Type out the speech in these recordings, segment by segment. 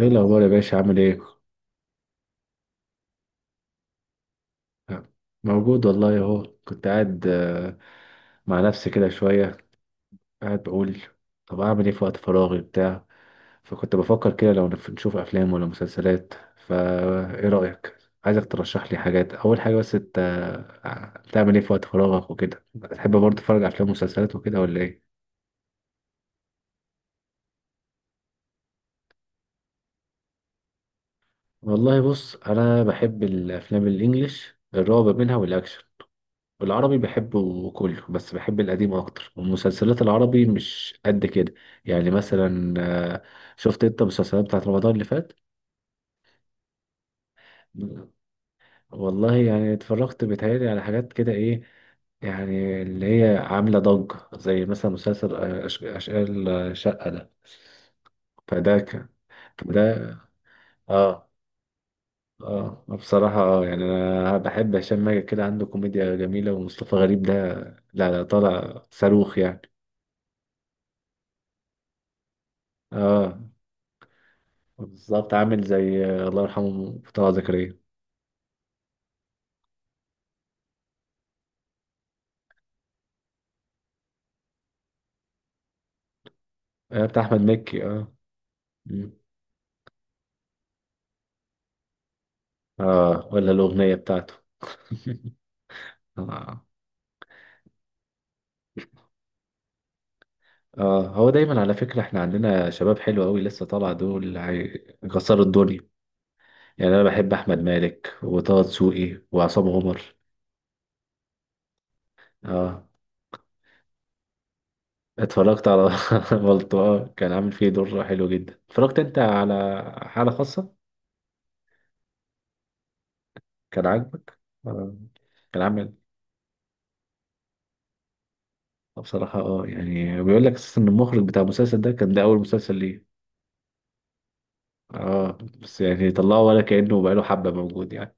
ايه الاخبار يا باشا؟ عامل ايه؟ موجود والله اهو، كنت قاعد مع نفسي كده شويه، قاعد بقول طب اعمل ايه في وقت فراغي بتاع. فكنت بفكر كده لو نشوف افلام ولا مسلسلات، فا ايه رايك؟ عايزك ترشح لي حاجات. اول حاجه بس انت بتعمل ايه في وقت فراغك وكده؟ بتحب برضه تتفرج على افلام ومسلسلات وكده ولا ايه؟ والله بص، انا بحب الافلام الانجليش الرعب منها والاكشن. العربي بحبه كله بس بحب القديم اكتر، والمسلسلات العربي مش قد كده. يعني مثلا آه، شفت انت المسلسلات بتاعت رمضان اللي فات؟ والله يعني اتفرجت بيتهيألي على حاجات كده، ايه يعني اللي هي عاملة ضجة، زي مثلا مسلسل أشغال شقة ده. فده كان فده، اه. اه بصراحة اه يعني أنا بحب هشام ماجد، كده عنده كوميديا جميلة. ومصطفى غريب ده لا لا طالع صاروخ يعني. اه بالظبط، عامل زي الله يرحمه طه زكريا. بتاع أحمد مكي اه. مم. اه ولا الأغنية بتاعته اه هو دايما على فكرة، احنا عندنا شباب حلو قوي لسه طالع، دول هيكسروا الدنيا. يعني انا بحب احمد مالك وطه دسوقي وعصام عمر. اه اتفرجت على بلطو. اه كان عامل فيه دور حلو جدا. اتفرجت انت على حالة خاصة؟ كان عاجبك؟ آه، كان عامل. بصراحة اه يعني بيقول لك اساسا ان المخرج بتاع المسلسل ده كان ده اول مسلسل ليه. اه بس يعني طلعه ولا كأنه بقاله حبة موجود يعني.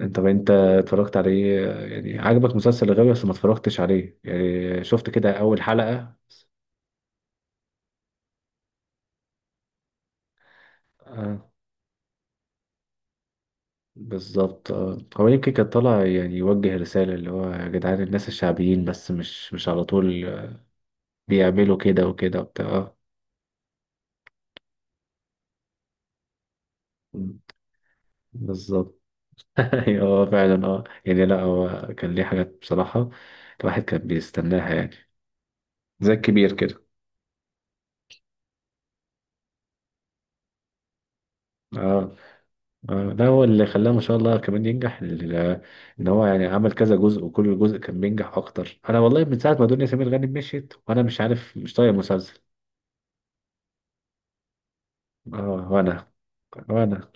انت اتفرجت عليه؟ يعني عجبك مسلسل الغاوي بس ما اتفرجتش عليه، يعني شفت كده اول حلقة؟ اه بالظبط. اه هو يمكن كان طالع يعني يوجه رسالة، اللي هو يا جدعان الناس الشعبيين، بس مش على طول بيعملوا كده وكده وبتاع بالظبط. ايوه هو فعلا اه يعني لا هو كان ليه حاجات بصراحة الواحد كان بيستناها يعني، زي الكبير كده. اه اه لا هو اللي خلاه ما شاء الله كمان ينجح، ان هو يعني عمل كذا جزء وكل جزء كان بينجح اكتر. انا والله من ساعة ما دنيا سمير غانم مشيت، وانا مش عارف، مش طايق المسلسل. اه وانا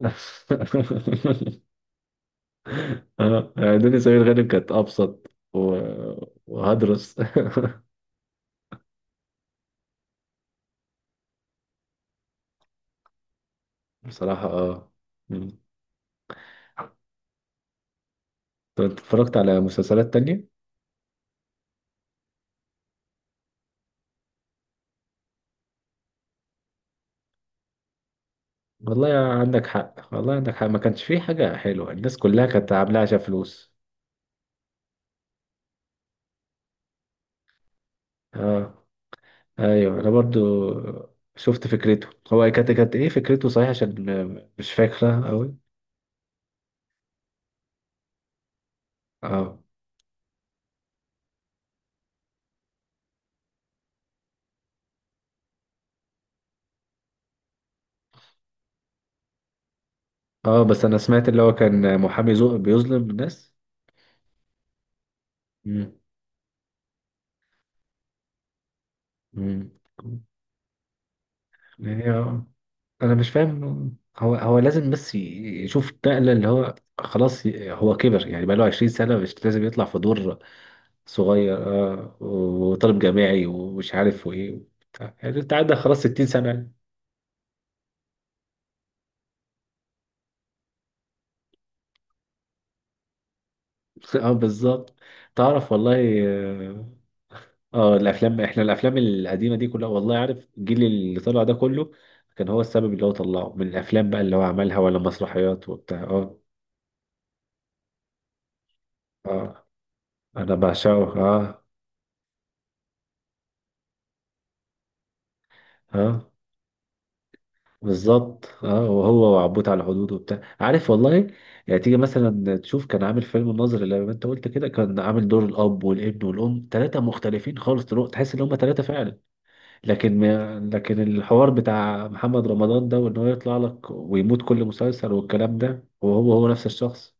اه يعني دنيا سمير غانم كانت ابسط و... وهدرس بصراحة اه. مم. طب اتفرجت على مسلسلات تانية؟ والله عندك حق، والله عندك حق، ما كانش فيه حاجة حلوة، الناس كلها كانت عاملاها عشان فلوس. اه ايوه انا برضو شفت فكرته هو، كانت ايه فكرته صحيح؟ عشان مش فاكرة قوي. اه اه بس انا سمعت اللي هو كان محامي زو بيظلم الناس. امم امم. يعني انا مش فاهم، هو لازم بس يشوف نقلة اللي هو خلاص، هو كبر يعني، بقى له 20 سنة مش لازم يطلع في دور صغير اه، وطالب جامعي ومش عارف وايه وبتاع. يعني انت عندك خلاص 60 سنة يعني. اه بالظبط. تعرف والله اه الافلام، احنا الافلام القديمة دي كلها والله عارف، الجيل اللي طلع ده كله كان هو السبب، اللي هو طلعه من الافلام بقى اللي هو عملها ولا مسرحيات وبتاع اه. اه انا بعشقه اه. اه بالظبط اه، وهو وعبود على الحدود وبتاع، عارف والله. يعني تيجي مثلا تشوف كان عامل فيلم الناظر، اللي ما انت قلت كده، كان عامل دور الاب والابن والام، ثلاثه مختلفين خالص، تحس ان هم ثلاثه فعلا. لكن ما لكن الحوار بتاع محمد رمضان ده، وان هو يطلع لك ويموت كل مسلسل والكلام ده، وهو هو نفس الشخص.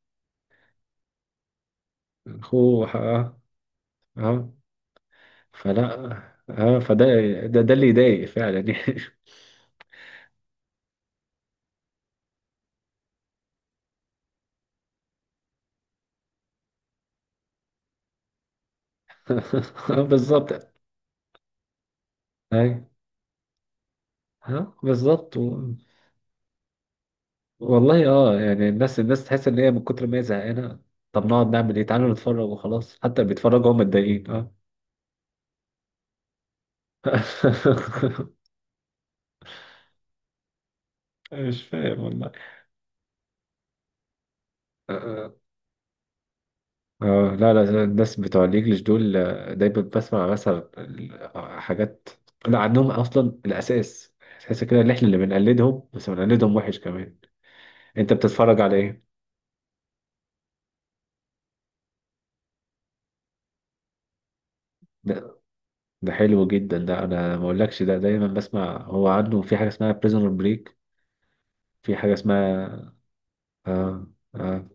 اخوه اه. اه فلا، اه فده، ده اللي يضايق فعلا يعني. بالظبط، اي، ها بالظبط. والله اه يعني الناس، الناس تحس ان هي من كتر ما هي زهقانه، طب نقعد نعمل ايه؟ تعالوا نتفرج وخلاص. حتى اللي بيتفرجوا هم متضايقين اه. مش فاهم والله اه لا لا الناس بتوع الانجليش دول دايما بسمع مثلا حاجات، لا عندهم اصلا الاساس، تحس كده ان احنا اللي بنقلدهم، بس بنقلدهم وحش كمان. انت بتتفرج على ايه؟ ده, ده حلو جدا، ده انا ما اقولكش، ده دايما بسمع، هو عنده في حاجه اسمها بريزون بريك، في حاجه اسمها آه آه.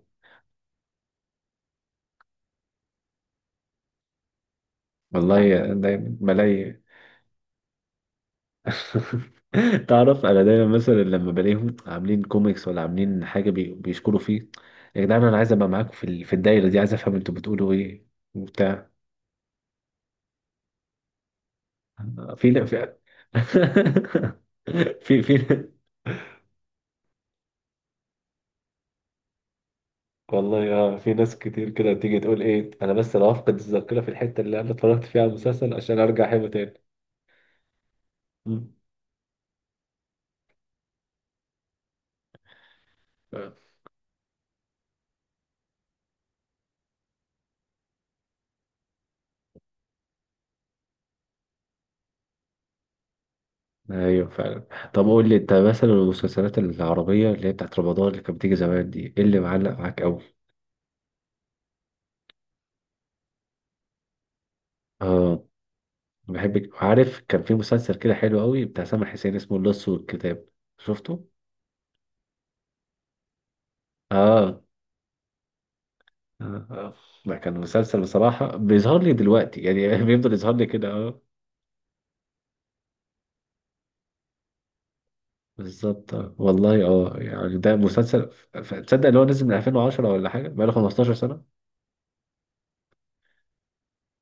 والله أنا دايما بلاقي تعرف انا دايما مثلا لما بلاقيهم عاملين كوميكس ولا عاملين حاجه بيشكروا فيه، يا جدعان انا عايز ابقى معاكم في في الدايره دي، عايز افهم انتوا بتقولوا ايه وبتاع. في لا في في والله اه. في ناس كتير كده تيجي تقول ايه، انا بس انا هفقد الذاكره في الحته اللي انا اتفرجت فيها على المسلسل عشان ارجع احبه تاني. مم. ايوه فعلا. طب قول لي انت مثلا المسلسلات العربية اللي هي بتاعت رمضان اللي كانت بتيجي زمان دي، ايه اللي معلق معاك قوي؟ اه بحبك، عارف كان في مسلسل كده حلو قوي بتاع سامح حسين اسمه اللص والكتاب. شفته؟ اه اه ده كان مسلسل بصراحة بيظهر لي دلوقتي يعني، بيفضل يظهر لي كده اه. بالظبط والله اه يعني ده مسلسل تصدق ان هو نزل من 2010 ولا حاجة، بقاله 15 سنة.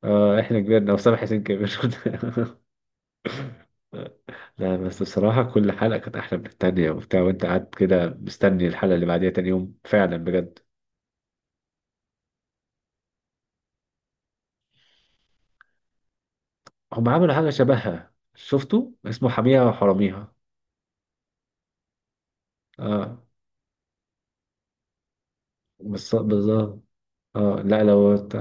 اه احنا كبرنا وسامح حسين كبر لا بس بصراحة كل حلقة كانت أحلى من التانية وبتاع، وأنت قاعد كده مستني الحلقة اللي بعديها تاني يوم فعلا بجد. هم عملوا حاجة شبهها، شفتوا اسمه حاميها وحراميها؟ اه بس بالظبط. اه لا لو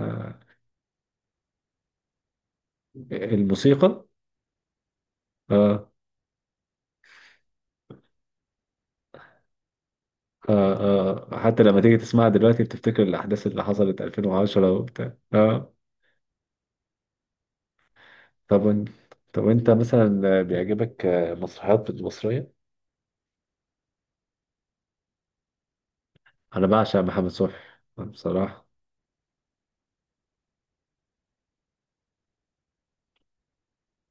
الموسيقى اه آه آه، حتى لما تيجي تسمعها دلوقتي بتفتكر الأحداث اللي حصلت 2010 وبتاع اه. طب وانت، طب وانت مثلا بيعجبك مسرحيات مصرية؟ أنا بعشق محمد صبحي بصراحة.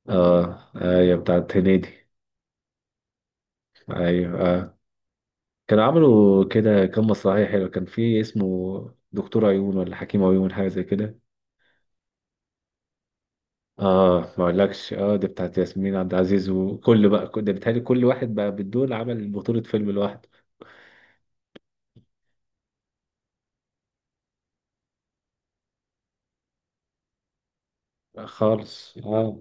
اه هي بتاعت هنيدي. ايوه كانوا عملوا كده كام مسرحيه حلوه، كان في اسمه دكتور عيون ولا حكيم عيون حاجه زي كده. اه ما اقولكش اه، دي بتاعت ياسمين عبد العزيز. وكل بقى ده بيتهيألي كل واحد بقى بالدول عمل بطوله فيلم لوحده. خالص اه.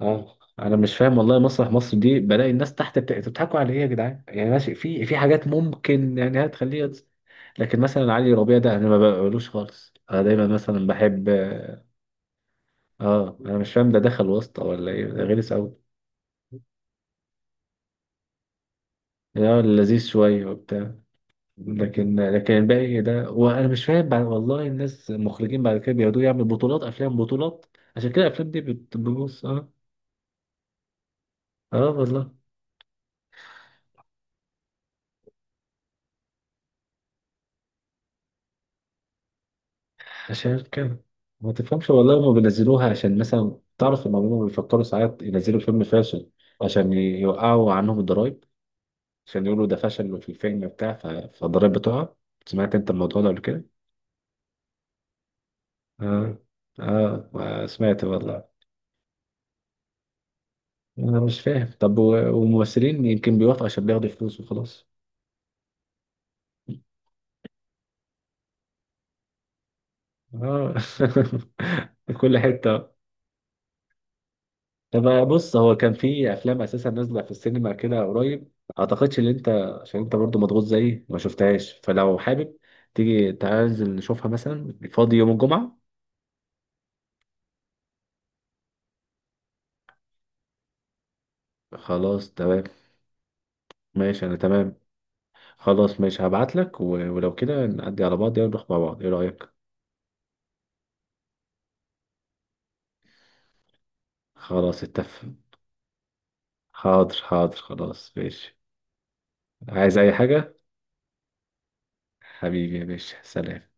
اه انا مش فاهم والله مسرح مصر دي، بلاقي الناس تحت انتوا بتضحكوا على ايه يا جدعان؟ يعني ماشي، في في حاجات ممكن يعني هتخليها لكن مثلا علي ربيع ده انا ما بقولوش خالص. انا دايما مثلا بحب اه، انا مش فاهم ده دخل واسطه ولا ايه؟ ده غلس قوي. اه لذيذ شوية وبتاع. لكن الباقي ده وانا مش فاهم، بعد والله الناس المخرجين بعد كده بيقعدوا يعملوا بطولات افلام، بطولات عشان كده الافلام دي بتبوظ اه. اه والله عشان كده ما تفهمش والله، هما بينزلوها عشان مثلا تعرف ان هما بيفكروا ساعات ينزلوا فيلم فاشل عشان يوقعوا عنهم الضرايب، عشان يقولوا ده فشل في الفيلم بتاع فالضرايب بتقع. سمعت انت الموضوع ده قبل كده؟ اه اه سمعت والله. انا مش فاهم، طب والممثلين يمكن بيوافقوا عشان بياخدوا فلوس وخلاص. اه كل حته. طب بص، هو كان في افلام اساسا نازله في السينما كده قريب، اعتقدش ان انت، عشان انت برضو مضغوط زيي، ما شفتهاش. فلو حابب تيجي، تعال نشوفها مثلا فاضي يوم الجمعه. خلاص تمام، ماشي انا تمام. خلاص ماشي، هبعت لك ولو كده نعدي على بعض ونروح مع بعض، ايه رايك؟ خلاص اتفق. حاضر حاضر خلاص ماشي. عايز اي حاجه؟ حبيبي يا باشا، سلام.